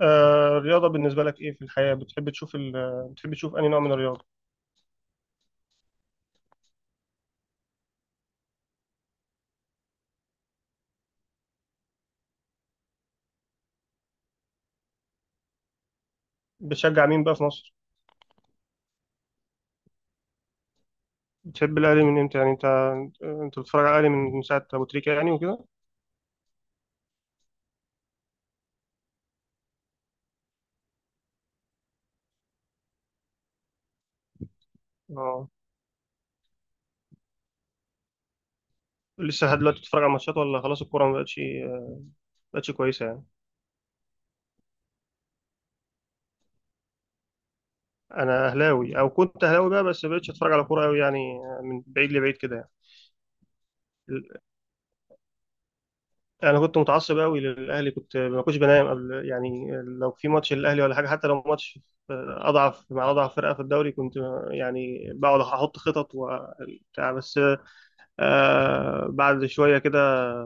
آه، الرياضة بالنسبة لك إيه في الحياة؟ بتحب تشوف بتحب تشوف أي نوع من الرياضة؟ بتشجع مين بقى في مصر؟ بتحب الأهلي من إمتى؟ يعني أنت، أنت بتتفرج على الأهلي من ساعة أبو تريكة يعني وكده؟ أه، لسه لحد دلوقتي بتتفرج على ماتشات، ولا خلاص الكورة ما بقتش، ما بقتش كويسة يعني؟ أنا أهلاوي، أو كنت أهلاوي بقى، بس ما بقتش أتفرج على كورة أوي يعني، من بعيد لبعيد كده. يعني، انا كنت متعصب قوي للاهلي، كنت ما كنتش بنام قبل، يعني لو في ماتش للاهلي ولا حاجه. حتى لو ماتش اضعف مع اضعف فرقه في الدوري، كنت يعني بقعد احط خطط وبتاع. بس بعد شويه كده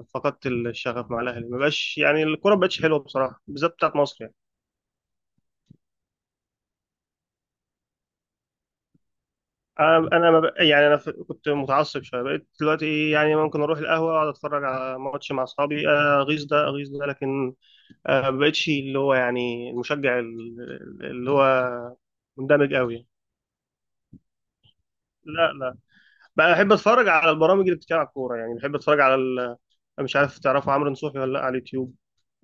فقدت الشغف مع الاهلي، ما بقاش يعني الكوره ما بقتش حلوه بصراحه، بالذات بتاعت مصر يعني. انا انا ما بق- يعني كنت متعصب شويه، بقيت دلوقتي يعني ممكن اروح القهوه، اقعد اتفرج على ماتش مع اصحابي، اغيظ ده، اغيظ ده، لكن ما بقتش اللي هو يعني المشجع اللي هو مندمج قوي. لا، لا. بقى احب اتفرج على البرامج اللي بتتكلم على الكوره، يعني بحب اتفرج على أنا مش عارف تعرفوا عمرو نصوحي ولا لا، على اليوتيوب.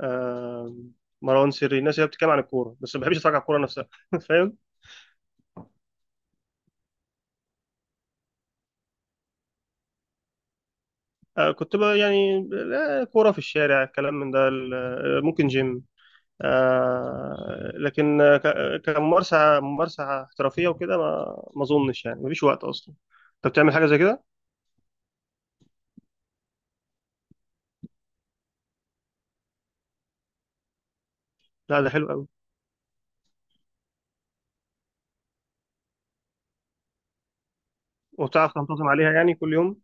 آه... مروان سري، الناس اللي بتتكلم عن الكوره، بس ما بحبش اتفرج على الكوره نفسها فاهم؟ آه كنت بقى يعني، لا، كوره في الشارع، الكلام من ده، ممكن جيم، آه. لكن كممارسه، ممارسه احترافيه وكده، ما اظنش، يعني مفيش وقت اصلا. انت بتعمل حاجه زي كده؟ لا، ده حلو قوي. وبتعرف تنتظم عليها يعني كل يوم؟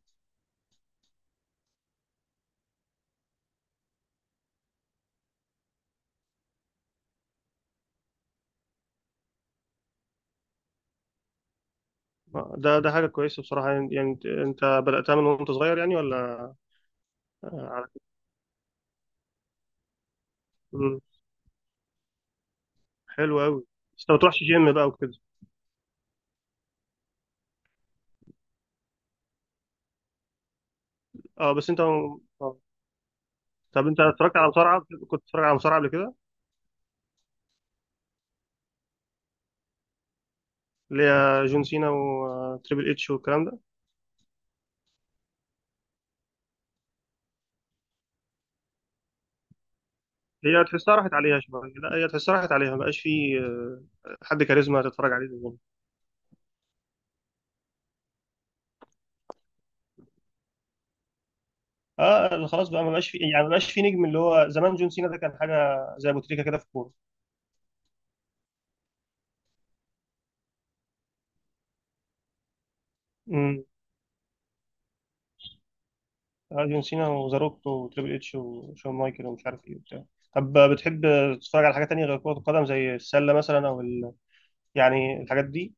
ده، ده حاجة كويسة بصراحة. يعني، يعني انت، انت بدأتها من وانت صغير يعني، ولا؟ آه، على- مم، حلو قوي. بس انت ما بتروحش جيم بقى وكده؟ اه. بس انت طب انت اتفرجت على مصارعة؟ كنت بتتفرج على مصارعة قبل كده؟ اللي هي جون سينا وتريبل اتش والكلام ده. هي تحسها راحت عليها شوية، لا هي تحسها راحت عليها، ما بقاش في حد كاريزما تتفرج عليه زي زمان. اه خلاص بقى، ما بقاش في، يعني ما بقاش في نجم اللي هو زمان جون سينا ده، كان حاجة زي ابو تريكة كده في الكورة. آه، جون سينا وزاروك وتريبل اتش وشون مايكل ومش عارف ايه وبتاع. طب بتحب تتفرج على حاجة تانية غير كرة القدم، زي السلة مثلا او يعني الحاجات دي؟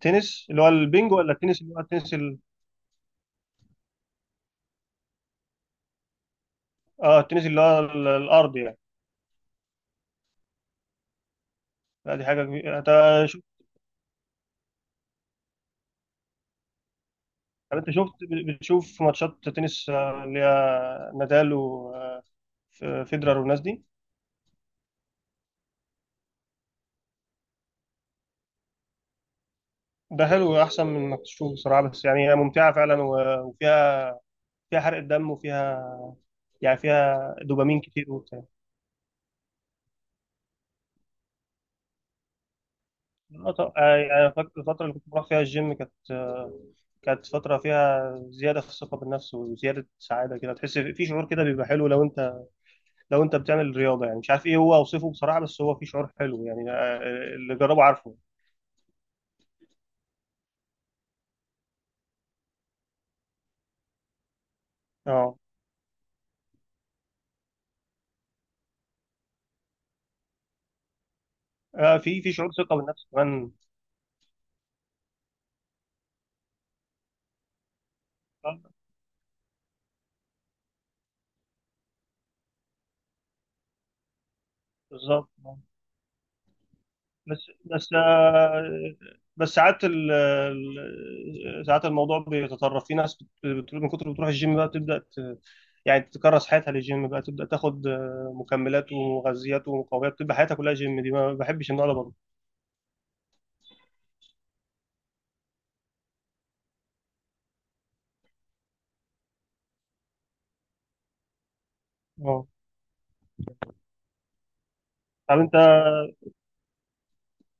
تنس اللي هو البينج، ولا التنس اللي هو التنس اه، التنس اللي هو الارض يعني؟ لا، دي حاجة كبيرة انت. شو- طب انت شفت، بتشوف ماتشات تنس، اللي هي نادال و فيدرر والناس دي؟ ده حلو، احسن من انك تشوف بصراحة. بس يعني هي ممتعة فعلا، وفيها، فيها حرق الدم وفيها، يعني فيها دوبامين كتير وبتاع. يعني أنا فاكر الفترة اللي كنت بروح فيها الجيم، كانت كانت فترة فيها زيادة في الثقة بالنفس وزيادة سعادة كده. تحس في شعور كده بيبقى حلو لو أنت، لو أنت بتعمل رياضة. يعني مش عارف إيه هو، أوصفه بصراحة، بس هو في شعور حلو يعني، اللي جربه عارفه. أه، في، في شعور ثقة بالنفس كمان. آه، بالظبط. بس بس آه، بس ساعات ساعات الموضوع بيتطرف، في ناس من كتر ما بتروح الجيم بقى بتبدأ يعني تكرس حياتها للجيم، بقى تبدأ تاخد مكملات ومغذيات ومقويات، بتبقى حياتها كلها جيم. دي ما بحبش النوع ده برضه. اه. طب انت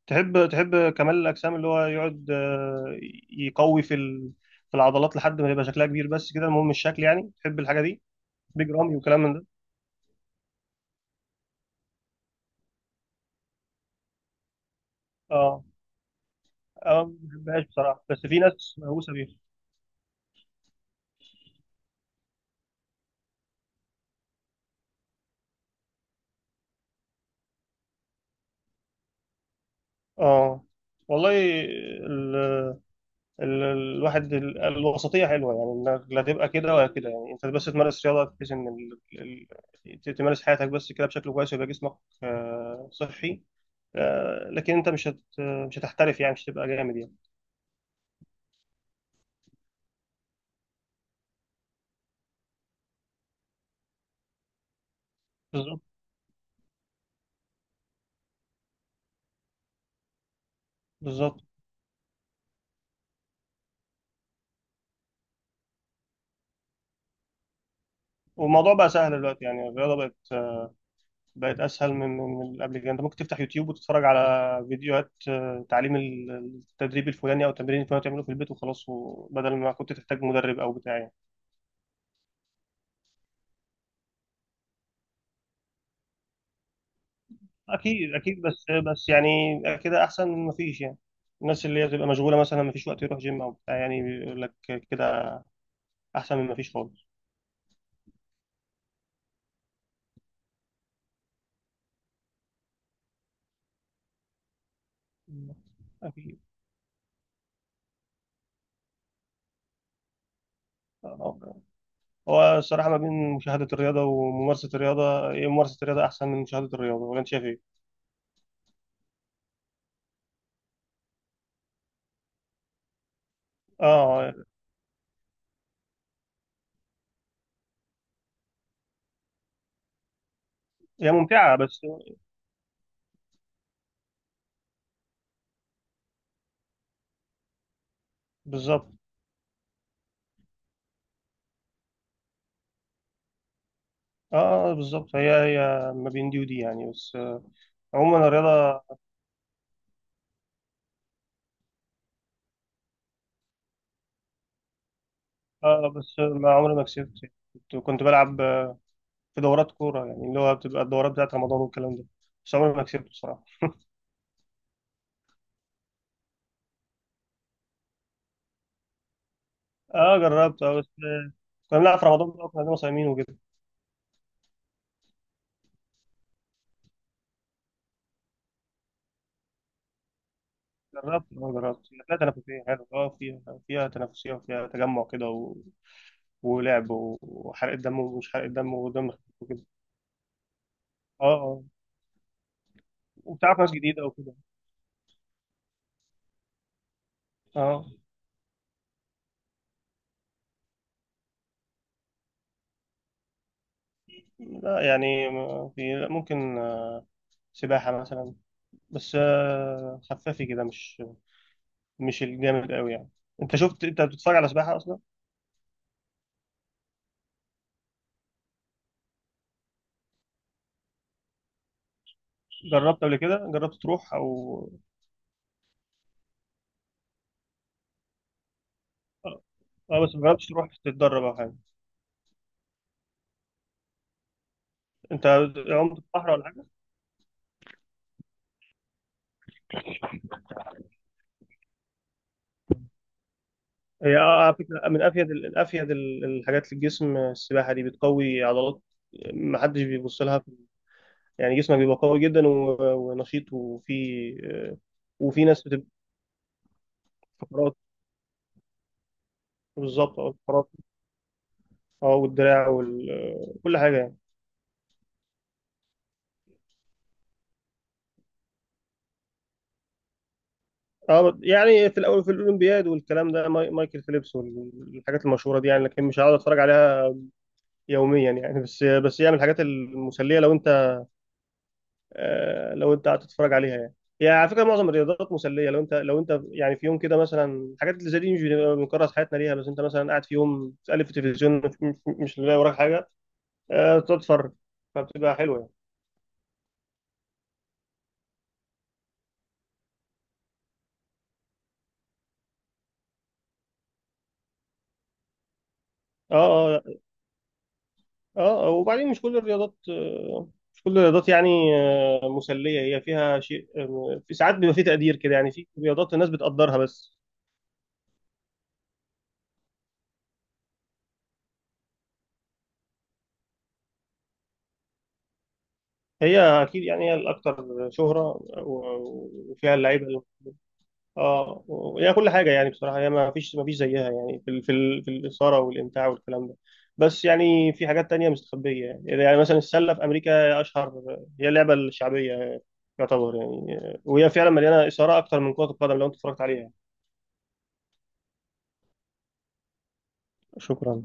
تحب، تحب كمال الاجسام، اللي هو يقعد يقوي في في العضلات لحد ما يبقى شكلها كبير بس كده، المهم الشكل، يعني تحب الحاجة دي؟ بيج رامي وكلام من ده. اه. اه ما بحبهاش بصراحة، بس في ناس مهووسة بيها. اه، والله. ال... الواحد الوسطيه حلوه، يعني إنك لا تبقى كده ولا كده. يعني انت بس تمارس رياضه بحيث ان تمارس حياتك بس كده بشكل كويس، ويبقى جسمك صحي. لكن انت مش هتحترف، يعني مش هتبقى جامد يعني. بالظبط. بالظبط. والموضوع بقى سهل دلوقتي، يعني الرياضه بقت، بقت اسهل من من قبل كده. انت ممكن تفتح يوتيوب وتتفرج على فيديوهات تعليم التدريب الفلاني او التمرين الفلاني، تعمله في البيت وخلاص، وبدل ما كنت تحتاج مدرب او بتاع يعني. اكيد، اكيد. بس، بس يعني كده احسن من مفيش، يعني الناس اللي هي بتبقى مشغوله مثلا، مفيش وقت يروح جيم او بتاع، يعني بيقول لك كده احسن من مفيش خالص. اكيد. آه. هو الصراحه ما بين مشاهده الرياضه وممارسه الرياضه، إيه، ممارسه الرياضه احسن من مشاهده الرياضه ولا انت شايف ايه؟ اه. هي ممتعه بس. بالظبط. اه، بالظبط. هي ما بين دي ودي يعني. بس عموما الرياضه. اه، بس ما عمري ما كسبت. كنت، كنت بلعب في دورات كورة، يعني اللي هو بتبقى الدورات بتاعت رمضان والكلام ده. بس عمري ما كسبته بصراحة. اه جربت، اه بس كنا بنلعب في رمضان بقى، كنا صايمين وكده. جربت اه، جربت فيها تنافسية، حلو، اه فيها، فيها تنافسية وفيها تجمع كده ولعب وحرق الدم، ومش حرق الدم، ودم خفيف وكده. اه اه. وبتعرف ناس جديدة وكده. اه، لا يعني ما في، لا ممكن سباحة مثلا، بس خفافي كده، مش مش الجامد قوي يعني. انت شفت، انت بتتفرج على سباحة اصلا؟ جربت قبل كده، جربت تروح او، اه. بس ما جربتش تروح تتدرب او حاجه؟ انت عمت في البحر ولا حاجه؟ هي اه، على فكره من افيد، من افيد الحاجات للجسم السباحه دي، بتقوي عضلات، ما حدش بيبص لها. يعني جسمك بيبقى قوي جدا ونشيط، وفي آه، وفي ناس بتبقى فقرات. بالظبط، اه الفقرات. اه والدراع وكل حاجه يعني. اه يعني في الاول، في الاولمبياد والكلام ده، مايكل فيليبس والحاجات المشهوره دي يعني، لكن مش هقعد اتفرج عليها يوميا يعني. بس، بس هي من الحاجات المسليه لو انت، لو انت قاعد تتفرج عليها يعني. هي على فكره معظم الرياضات مسليه، لو انت، لو انت يعني في يوم كده مثلا. الحاجات اللي زي دي مش بنبقى بنكرس حياتنا ليها، بس انت مثلا قاعد في يوم تقلب في التلفزيون، مش، مش لاقي وراك حاجه، تقعد تتفرج، فبتبقى حلوه يعني. اه، اه. اه وبعدين مش كل الرياضات، مش كل الرياضات يعني مسليه، هي فيها شيء، في ساعات بيبقى في تقدير كده، يعني في رياضات الناس بتقدرها بس. هي اكيد يعني، هي الاكثر شهره، وفيها اللعيبه اه، وهي كل حاجه يعني. بصراحه هي ما فيش زيها يعني، في في الاثاره والامتاع والكلام ده. بس يعني في حاجات تانية مستخبيه يعني، يعني مثلا السله في امريكا اشهر، هي اللعبه الشعبيه يعتبر يعني، وهي فعلا مليانه اثاره اكتر من كره القدم لو انت اتفرجت عليها. شكرا.